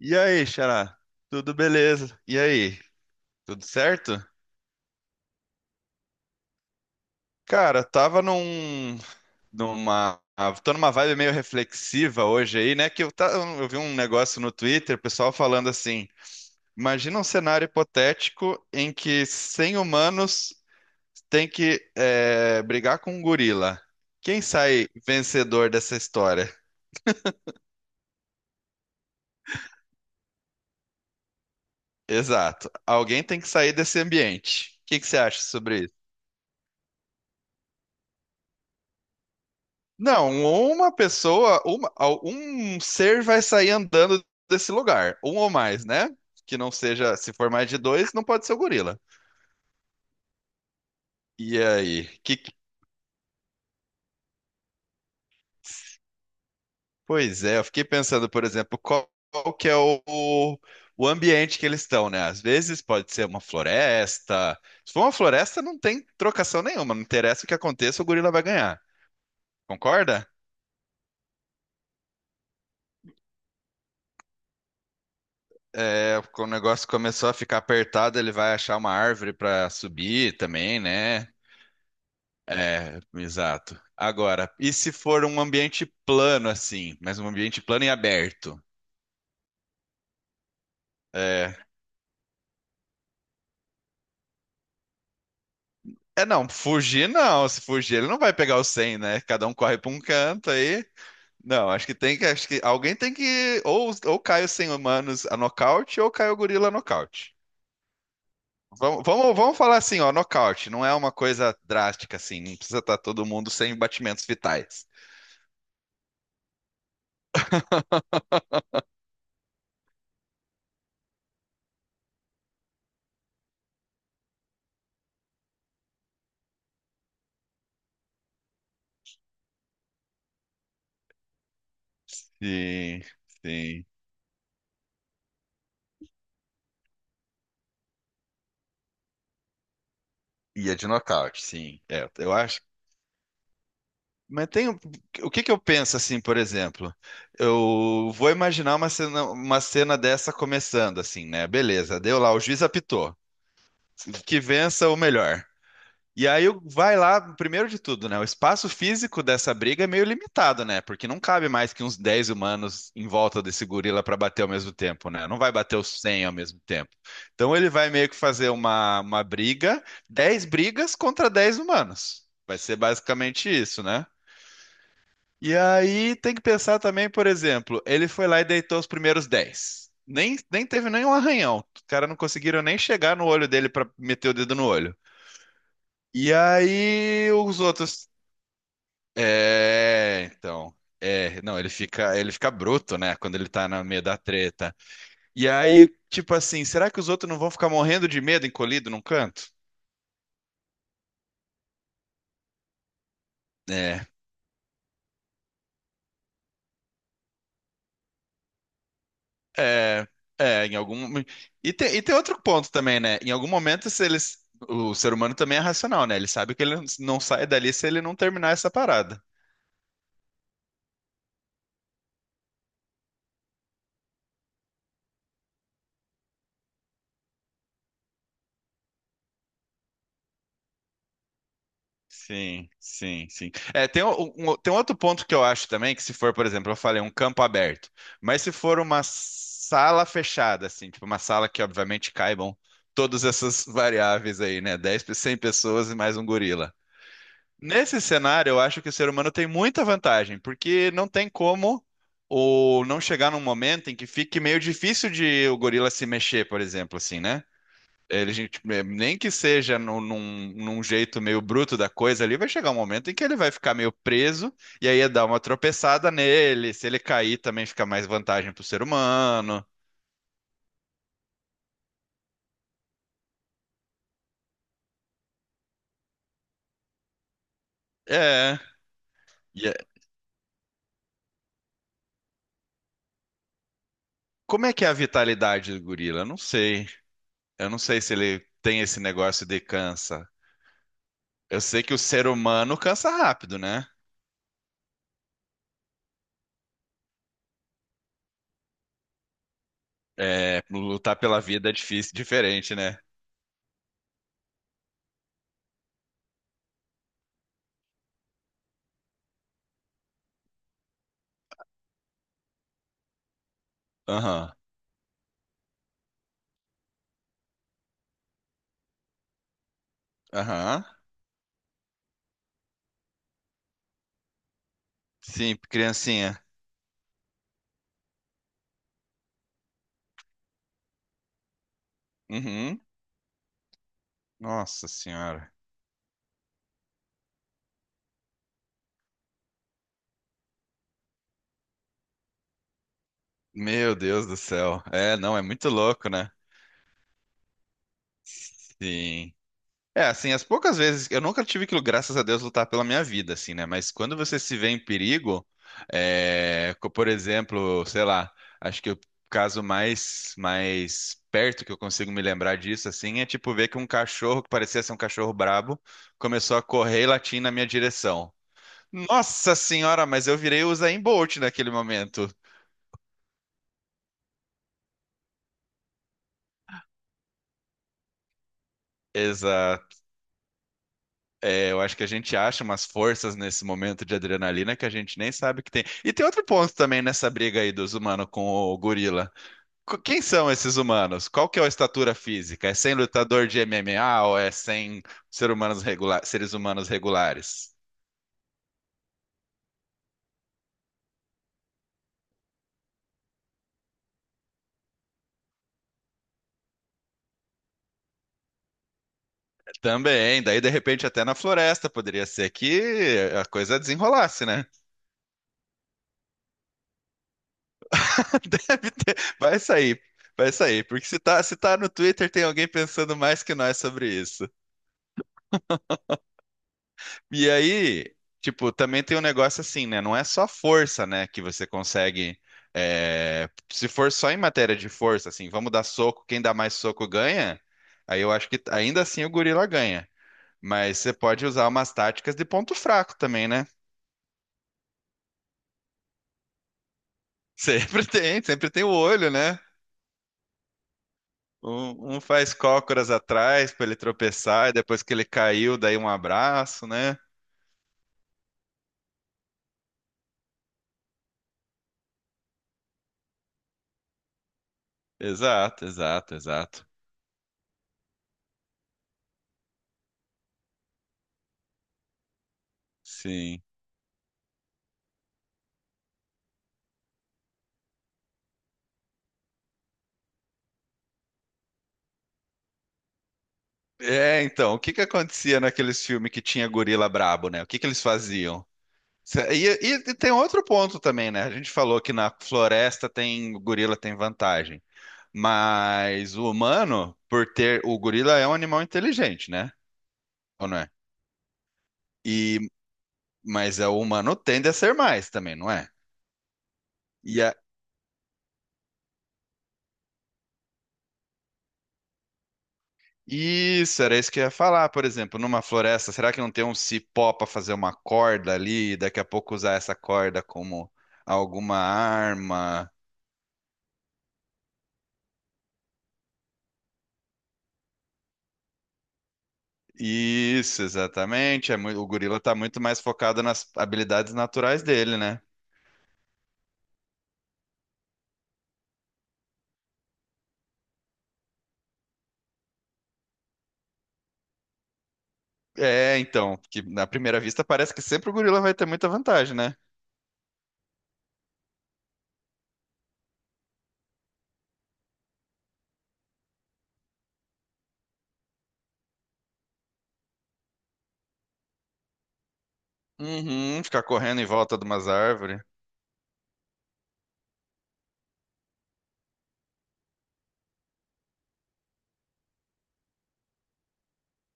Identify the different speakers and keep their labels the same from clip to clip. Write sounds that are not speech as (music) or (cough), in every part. Speaker 1: E aí, Xará? Tudo beleza? E aí? Tudo certo? Cara, numa, tô numa vibe meio reflexiva hoje aí, né? Eu vi um negócio no Twitter, pessoal falando assim: imagina um cenário hipotético em que 100 humanos têm que brigar com um gorila. Quem sai vencedor dessa história? Exato. Alguém tem que sair desse ambiente. O que que você acha sobre. Não, uma pessoa, uma, al- um ser vai sair andando desse lugar, um ou mais, né? Que não seja, se for mais de dois, não pode ser o gorila. E aí? Pois é, eu fiquei pensando, por exemplo, qual, qual que é o ambiente que eles estão, né? Às vezes pode ser uma floresta. Se for uma floresta, não tem trocação nenhuma, não interessa o que aconteça, o gorila vai ganhar. Concorda? É, quando o negócio começou a ficar apertado, ele vai achar uma árvore para subir também, né? É, exato. Agora, e se for um ambiente plano assim, mas um ambiente plano e aberto? É, é não, fugir não. Se fugir, ele não vai pegar o 100, né? Cada um corre para um canto aí. Não, acho que alguém tem que, ou cai os 100 humanos a nocaute ou cai o gorila a nocaute. Vamos falar assim, ó, nocaute não é uma coisa drástica assim, não precisa estar todo mundo sem batimentos vitais. Sim, sim. Ia de nocaute, sim. É, eu acho. Mas o que que eu penso assim, por exemplo? Eu vou imaginar uma cena dessa começando assim, né? Beleza, deu lá, o juiz apitou. Que vença o melhor. E vai lá, primeiro de tudo, né? O espaço físico dessa briga é meio limitado, né? Porque não cabe mais que uns 10 humanos em volta desse gorila para bater ao mesmo tempo, né? Não vai bater os 100 ao mesmo tempo. Então ele vai meio que fazer 10 brigas contra 10 humanos. Vai ser basicamente isso, né? E aí tem que pensar também, por exemplo, ele foi lá e deitou os primeiros 10. Nem teve nenhum arranhão. Os caras não conseguiram nem chegar no olho dele pra meter o dedo no olho. E aí os outros. É, então. É, não, ele fica bruto, né? Quando ele tá no meio da treta. E aí, tipo assim, será que os outros não vão ficar morrendo de medo encolhido num canto? É. É, é, em algum. E tem outro ponto também, né? Em algum momento, se eles. O ser humano também é racional, né? Ele sabe que ele não sai dali se ele não terminar essa parada. Sim. É, tem um outro ponto que eu acho também, que se for, por exemplo, eu falei um campo aberto, mas se for uma sala fechada, assim, tipo uma sala que obviamente caibam todas essas (laughs) variáveis aí, né? 100 pessoas e mais um gorila. Nesse cenário, eu acho que o ser humano tem muita vantagem, porque não tem como ou não chegar num momento em que fique meio difícil de o gorila se mexer, por exemplo, assim, né? Ele, gente, é, nem que seja num jeito meio bruto da coisa ali, vai chegar um momento em que ele vai ficar meio preso, e aí ia dar uma tropeçada nele. Se ele cair, também fica mais vantagem pro ser humano. É. E é- Como é que é a vitalidade do gorila? Eu não sei. Eu não sei se ele tem esse negócio de cansa. Eu sei que o ser humano cansa rápido, né? É, lutar pela vida é difícil, diferente, né? Aham, aham. Sim, criancinha. Uhum. Nossa senhora. Meu Deus do céu. É, não, é muito louco, né? Sim. É, assim, as poucas vezes, eu nunca tive que, graças a Deus, lutar pela minha vida, assim, né? Mas quando você se vê em perigo, é, por exemplo, sei lá, acho que o caso mais perto que eu consigo me lembrar disso, assim, é tipo ver que um cachorro, que parecia ser um cachorro brabo, começou a correr e latir na minha direção. Nossa senhora, mas eu virei o Usain Bolt naquele momento. Exato. É, eu acho que a gente acha umas forças nesse momento de adrenalina que a gente nem sabe que tem. E tem outro ponto também nessa briga aí dos humanos com o gorila. Quem são esses humanos? Qual que é a estatura física? É sem lutador de MMA ou é sem seres humanos regulares? Também, daí de repente até na floresta poderia ser que a coisa desenrolasse, né? (laughs) Deve ter, vai sair, porque se tá no Twitter tem alguém pensando mais que nós sobre isso. E aí, tipo, também tem um negócio assim, né? Não é só força, né, que você consegue. É, se for só em matéria de força, assim, vamos dar soco, quem dá mais soco ganha. Aí eu acho que ainda assim o gorila ganha. Mas você pode usar umas táticas de ponto fraco também, né? Sempre (laughs) tem, sempre tem o olho, né? Um faz cócoras atrás pra ele tropeçar, e depois que ele caiu, daí um abraço, né? Exato. Sim. É, então, o que que acontecia naqueles filmes que tinha gorila brabo, né? O que que eles faziam? Cê- E, e tem outro ponto também, né? A gente falou que na floresta tem o gorila tem vantagem, mas o humano, por ter o gorila é um animal inteligente, né? Ou não é? E mas é, o humano tende a ser mais também, não é? E a- isso era isso que eu ia falar, por exemplo, numa floresta, será que não tem um cipó para fazer uma corda ali e daqui a pouco usar essa corda como alguma arma? Isso, exatamente. É o gorila tá muito mais focado nas habilidades naturais dele, né? É, então, que na primeira vista parece que sempre o gorila vai ter muita vantagem, né? Uhum, ficar correndo em volta de umas árvores.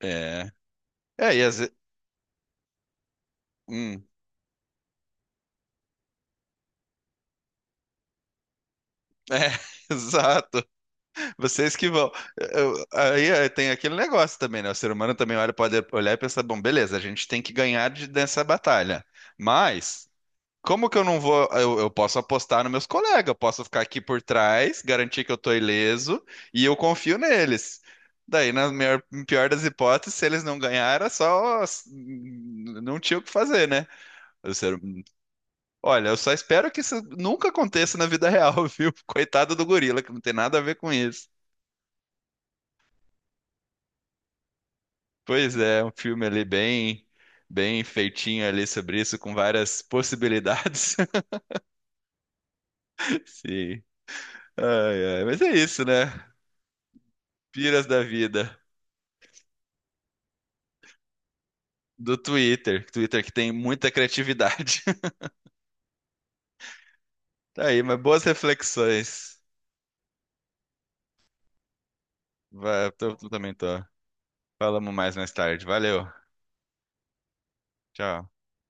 Speaker 1: É. É, e às vezes. É, (laughs) exato. Vocês que vão. Tem aquele negócio também, né? O ser humano também olha, pode olhar e pensar, bom, beleza, a gente tem que ganhar dessa batalha. Mas. Como que eu não vou? Eu posso apostar nos meus colegas, eu posso ficar aqui por trás, garantir que eu tô ileso e eu confio neles. Daí, na pior das hipóteses, se eles não ganharam, é só não tinha o que fazer, né? Eu ser- Olha, eu só espero que isso nunca aconteça na vida real, (laughs) viu? Coitado do gorila, que não tem nada a ver com isso. Pois é, um filme ali bem feitinho ali sobre isso, com várias possibilidades. (laughs) Sim. Ai, ai, mas é isso, né? Piras da vida. Do Twitter. Twitter que tem muita criatividade. (laughs) Tá aí, mas boas reflexões. Vai, eu também tô. Falamos mais tarde. Valeu. Tchau.